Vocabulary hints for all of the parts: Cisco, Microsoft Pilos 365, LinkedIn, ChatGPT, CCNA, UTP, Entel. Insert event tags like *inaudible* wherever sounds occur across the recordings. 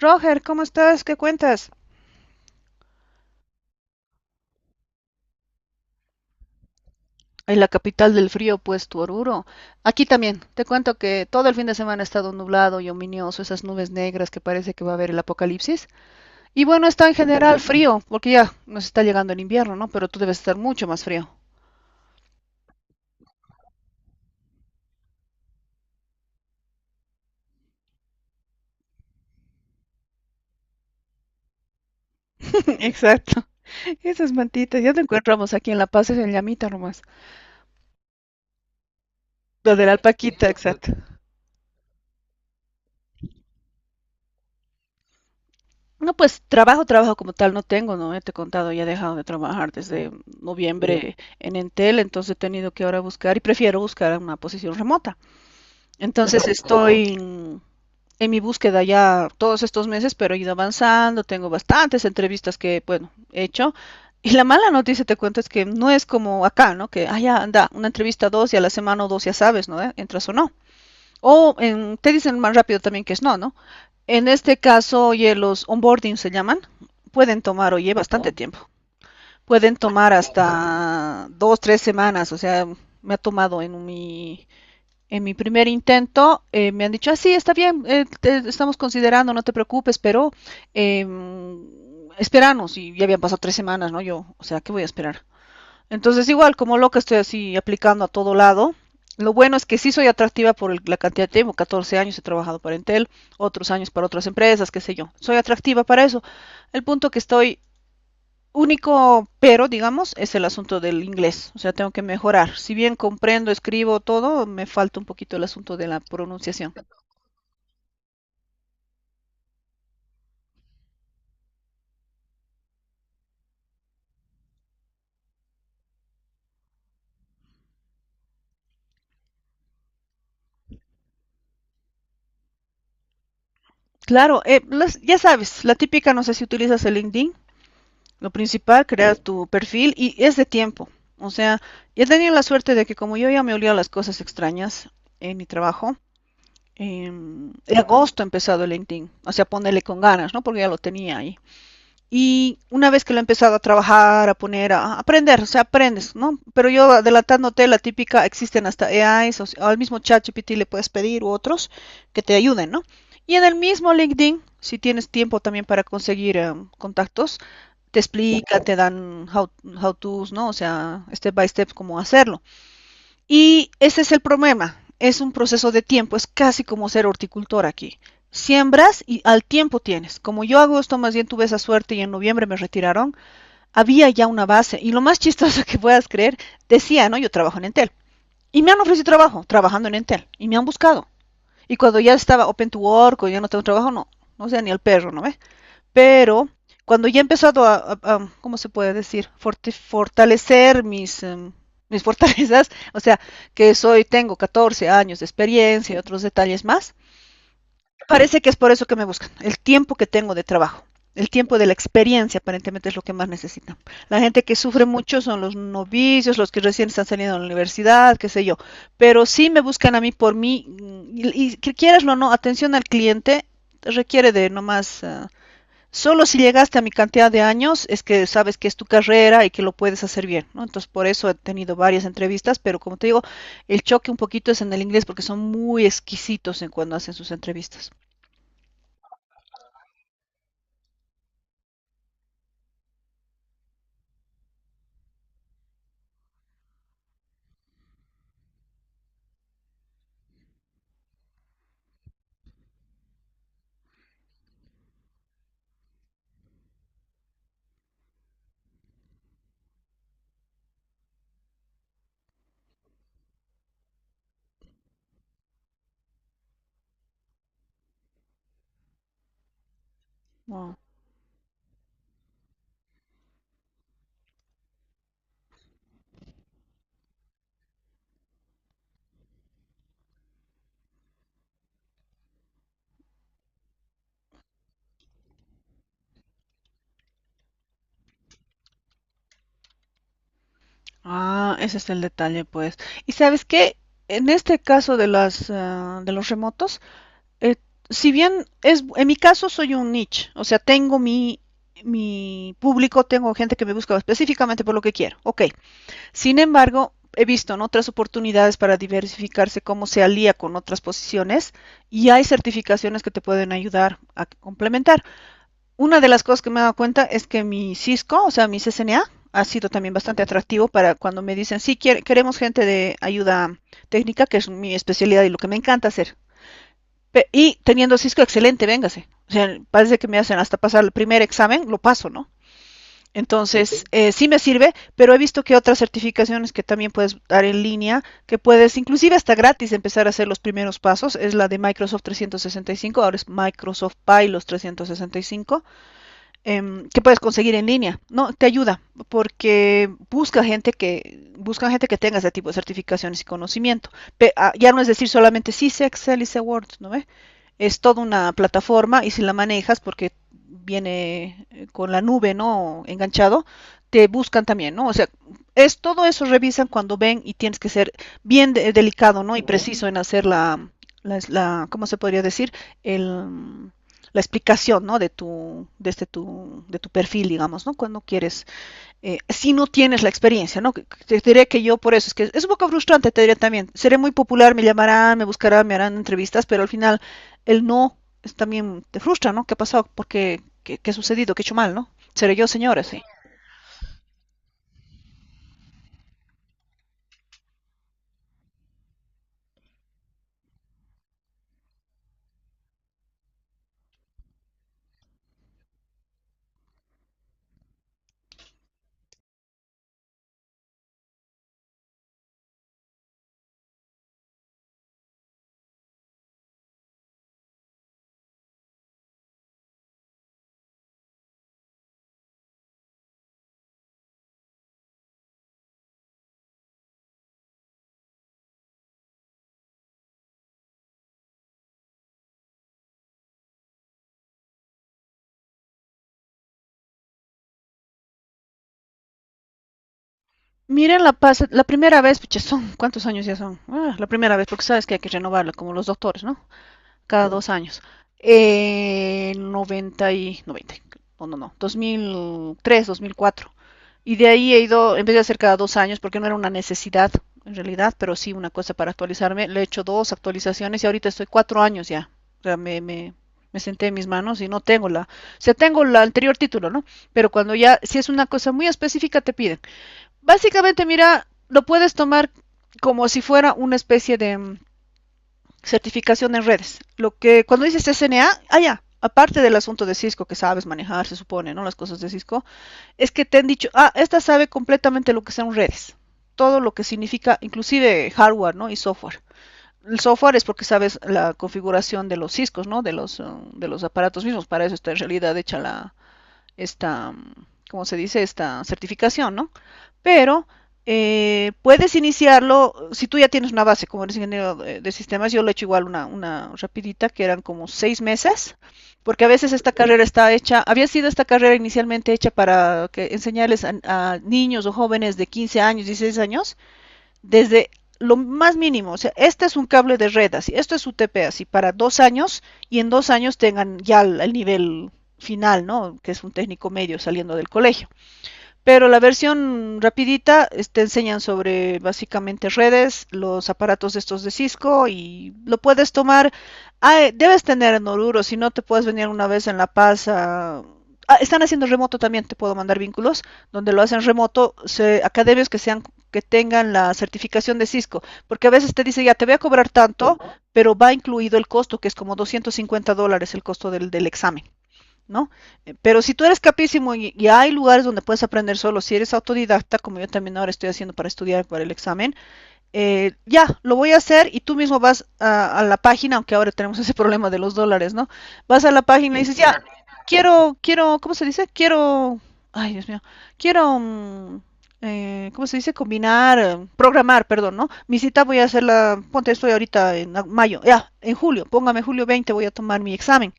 Roger, ¿cómo estás? ¿Qué cuentas? En la capital del frío, pues, tu Oruro. Aquí también. Te cuento que todo el fin de semana ha estado nublado y ominioso, esas nubes negras que parece que va a haber el apocalipsis. Y bueno, está en general frío, porque ya nos está llegando el invierno, ¿no? Pero tú debes estar mucho más frío. *laughs* Exacto. Esas mantitas, ya te encontramos aquí en La Paz, es en Llamita nomás. Lo de la alpaquita, exacto. No, pues trabajo como tal no tengo, ¿no? Ya te he contado, ya he dejado de trabajar desde, sí, noviembre en Entel, entonces he tenido que ahora buscar y prefiero buscar una posición remota. Entonces estoy en mi búsqueda ya todos estos meses, pero he ido avanzando, tengo bastantes entrevistas que, bueno, he hecho. Y la mala noticia, te cuento, es que no es como acá, ¿no? Que, ah, ya, anda, una entrevista dos y a la semana o dos ya sabes, ¿no? Entras o no. O en, te dicen más rápido también que es no, ¿no? En este caso, oye, los onboarding se llaman, pueden tomar, oye, bastante tiempo. Pueden tomar hasta dos, 3 semanas, o sea, me ha tomado en mi primer intento, me han dicho, ah, sí, está bien, te estamos considerando, no te preocupes, pero eh, esperanos, y ya habían pasado 3 semanas, ¿no? Yo, o sea, ¿qué voy a esperar? Entonces, igual, como loca estoy así aplicando a todo lado. Lo bueno es que sí soy atractiva por la cantidad de tiempo. 14 años he trabajado para Entel, otros años para otras empresas, qué sé yo. Soy atractiva para eso. El punto que estoy único, pero digamos, es el asunto del inglés. O sea, tengo que mejorar. Si bien comprendo, escribo todo, me falta un poquito el asunto de la pronunciación. Claro, ya sabes, la típica, no sé si utilizas el LinkedIn. Lo principal, crear tu perfil y es de tiempo. O sea, he tenía la suerte de que como yo ya me olía las cosas extrañas en mi trabajo, en agosto he empezado el LinkedIn, o sea, ponerle con ganas, ¿no? Porque ya lo tenía ahí. Y una vez que lo he empezado a trabajar, a poner, a aprender, o sea, aprendes, ¿no? Pero yo adelantándote, la típica, existen hasta AIs, o sea, al mismo ChatGPT le puedes pedir u otros que te ayuden, ¿no? Y en el mismo LinkedIn, si tienes tiempo también para conseguir contactos, te explica, te dan how to's, ¿no? O sea, step by step cómo hacerlo. Y ese es el problema. Es un proceso de tiempo, es casi como ser horticultor aquí. Siembras y al tiempo tienes. Como yo hago esto, más bien tuve esa suerte y en noviembre me retiraron, había ya una base. Y lo más chistoso *laughs* que puedas creer, decía, ¿no? Yo trabajo en Entel. Y me han ofrecido trabajo trabajando en Entel. Y me han buscado. Y cuando ya estaba open to work o ya no tengo trabajo, no. No sea ni el perro, ¿no ve? Pero cuando ya he empezado ¿cómo se puede decir? Fortalecer mis, mis *laughs* fortalezas, o sea, que soy, tengo 14 años de experiencia y otros detalles más, parece que es por eso que me buscan, el tiempo que tengo de trabajo. El tiempo de la experiencia aparentemente es lo que más necesitan. La gente que sufre mucho son los novicios, los que recién están saliendo de la universidad, qué sé yo. Pero sí me buscan a mí por mí, mm, y que quieras o no, atención al cliente requiere de nomás solo si llegaste a mi cantidad de años es que sabes que es tu carrera y que lo puedes hacer bien, ¿no? Entonces, por eso he tenido varias entrevistas, pero como te digo, el choque un poquito es en el inglés porque son muy exquisitos en cuando hacen sus entrevistas. Wow. Ah, ese es el detalle, pues. Y sabes qué, en este caso de de los remotos, eh, si bien es, en mi caso soy un niche, o sea, tengo mi, mi público, tengo gente que me busca específicamente por lo que quiero. Ok. Sin embargo, he visto en otras oportunidades para diversificarse cómo se alía con otras posiciones y hay certificaciones que te pueden ayudar a complementar. Una de las cosas que me he dado cuenta es que mi Cisco, o sea, mi CCNA, ha sido también bastante atractivo para cuando me dicen, sí, queremos gente de ayuda técnica, que es mi especialidad y lo que me encanta hacer. Y teniendo Cisco, excelente, véngase. O sea, parece que me hacen hasta pasar el primer examen, lo paso, ¿no? Entonces, sí me sirve, pero he visto que otras certificaciones que también puedes dar en línea, que puedes inclusive hasta gratis empezar a hacer los primeros pasos, es la de Microsoft 365, ahora es Microsoft Pilos 365, eh, que puedes conseguir en línea. No, te ayuda porque busca gente que tenga ese tipo de certificaciones y conocimiento. Ya no es decir solamente sí sé Excel y sé Word, ¿no ve? Es toda una plataforma y si la manejas, porque viene con la nube, ¿no? Enganchado, te buscan también, ¿no? O sea, es todo eso revisan cuando ven y tienes que ser bien delicado, ¿no? Y preciso en hacer ¿cómo se podría decir? El, la explicación, ¿no? De de tu perfil, digamos, ¿no? Cuando quieres si no tienes la experiencia, ¿no? Te diré que yo por eso, es que es un poco frustrante, te diré también, seré muy popular, me llamarán, me buscarán, me harán entrevistas, pero al final el no es, también te frustra, ¿no? ¿Qué ha pasado? ¿Por qué? ¿Qué ha sucedido? ¿Qué he hecho mal, no? Seré yo, señora, sí. Miren, la primera vez, pucha, son, ¿cuántos años ya son? Ah, la primera vez, porque sabes que hay que renovarla, como los doctores, ¿no? Cada 2 años. 90 y 90 no, no, no, dos 2003 2004. Y de ahí he ido, en vez de hacer cada 2 años, porque no era una necesidad en realidad, pero sí una cosa para actualizarme, le he hecho dos actualizaciones y ahorita estoy 4 años ya. O sea, me senté en mis manos y no tengo la, o sea, tengo el anterior título, ¿no? Pero cuando ya, si es una cosa muy específica, te piden. Básicamente, mira, lo puedes tomar como si fuera una especie de, certificación en redes. Lo que cuando dices SNA, ah, ya, aparte del asunto de Cisco que sabes manejar, se supone, ¿no? Las cosas de Cisco, es que te han dicho, ah, esta sabe completamente lo que son redes, todo lo que significa, inclusive hardware, ¿no? Y software. El software es porque sabes la configuración de los Ciscos, ¿no? De los, de los aparatos mismos. Para eso está en realidad hecha esta, ¿cómo se dice? Esta certificación, ¿no? Pero puedes iniciarlo si tú ya tienes una base, como eres ingeniero de sistemas, yo lo he hecho igual una rapidita, que eran como 6 meses, porque a veces esta carrera está hecha, había sido esta carrera inicialmente hecha para que enseñarles a niños o jóvenes de 15 años, 16 años, desde lo más mínimo, o sea, este es un cable de red, así, esto es UTP, así, para 2 años y en 2 años tengan ya el nivel final, ¿no? Que es un técnico medio saliendo del colegio. Pero la versión rapidita te enseñan sobre básicamente redes, los aparatos estos de Cisco y lo puedes tomar. Ah, debes tener en Oruro, si no te puedes venir una vez en La Paz a- Ah, están haciendo remoto también, te puedo mandar vínculos, donde lo hacen remoto, se, academias que sean, que tengan la certificación de Cisco, porque a veces te dice, ya te voy a cobrar tanto, pero va incluido el costo, que es como $250 el costo del examen. ¿No? Pero si tú eres capísimo y hay lugares donde puedes aprender solo, si eres autodidacta, como yo también ahora estoy haciendo para estudiar para el examen, ya, lo voy a hacer y tú mismo vas a la página, aunque ahora tenemos ese problema de los dólares, ¿no? Vas a la página y dices, ya, quiero, ¿cómo se dice? Quiero, ay, Dios mío, quiero ¿cómo se dice? Combinar, programar, perdón, ¿no? Mi cita voy a hacerla, ponte, estoy ahorita en mayo, ya, en julio, póngame 20 de julio, voy a tomar mi examen.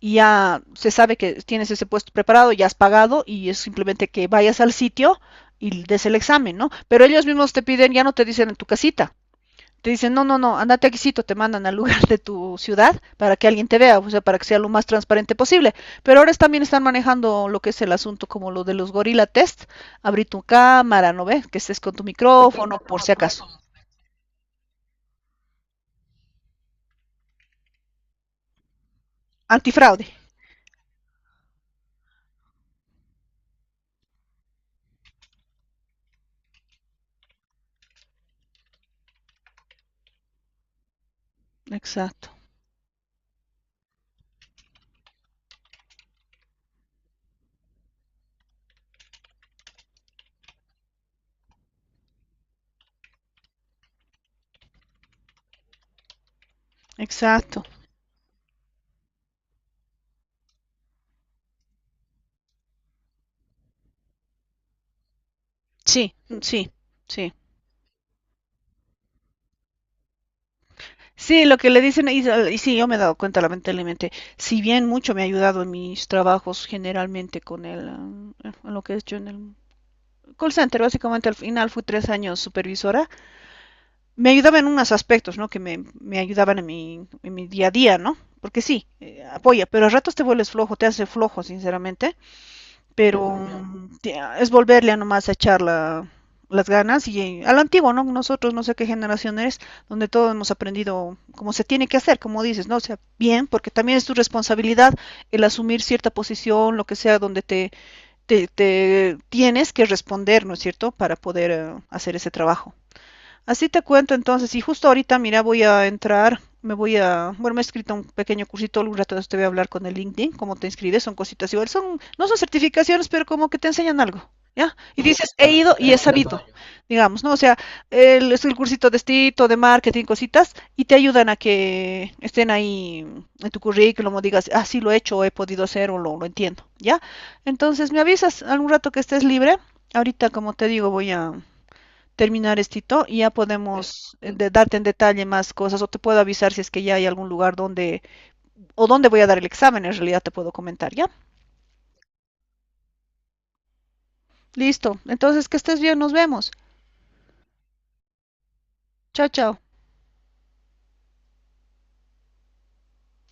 Ya se sabe que tienes ese puesto preparado, ya has pagado y es simplemente que vayas al sitio y des el examen, ¿no? Pero ellos mismos te piden, ya no te dicen en tu casita, te dicen, no, no, no, andate aquí, sí, te mandan al lugar de tu ciudad para que alguien te vea, o sea, para que sea lo más transparente posible. Pero ahora también están manejando lo que es el asunto como lo de los gorila test, abrir tu cámara, ¿no ves? Que estés con tu micrófono, por si acaso. Antifraude. Exacto, exacto. Sí, sí, sí. Sí, lo que le dicen, y sí, yo me he dado cuenta, lamentablemente, si bien mucho me ha ayudado en mis trabajos generalmente con el, ah, en lo que he hecho en el call center, básicamente al final fui 3 años supervisora, me ayudaba en unos aspectos, ¿no? Que me ayudaban en mi día a día, ¿no? Porque sí, apoya, pero a ratos te vuelves flojo, te hace flojo, sinceramente pero es volverle a nomás a echar las ganas y a lo antiguo, ¿no? Nosotros no sé qué generación eres, donde todos hemos aprendido como se tiene que hacer, como dices, ¿no? O sea, bien, porque también es tu responsabilidad el asumir cierta posición, lo que sea, donde te tienes que responder, ¿no es cierto?, para poder hacer ese trabajo. Así te cuento entonces, y justo ahorita, mira, voy a entrar, me voy a, bueno, me he escrito un pequeño cursito, algún rato de te voy a hablar con el LinkedIn, cómo te inscribes, son cositas igual, son, no son certificaciones, pero como que te enseñan algo, ¿ya? Y dices, he ido y he sabido, digamos, ¿no? O sea, el, es el cursito de estilo, de marketing, cositas, y te ayudan a que estén ahí en tu currículum, o digas, ah, sí lo he hecho, o he podido hacer, o lo entiendo, ¿ya? Entonces, me avisas algún rato que estés libre, ahorita, como te digo, voy a terminar esto y ya podemos darte en detalle más cosas o te puedo avisar si es que ya hay algún lugar donde o dónde voy a dar el examen, en realidad te puedo comentar, ¿ya? Listo. Entonces, que estés bien, nos vemos. Chao, chao.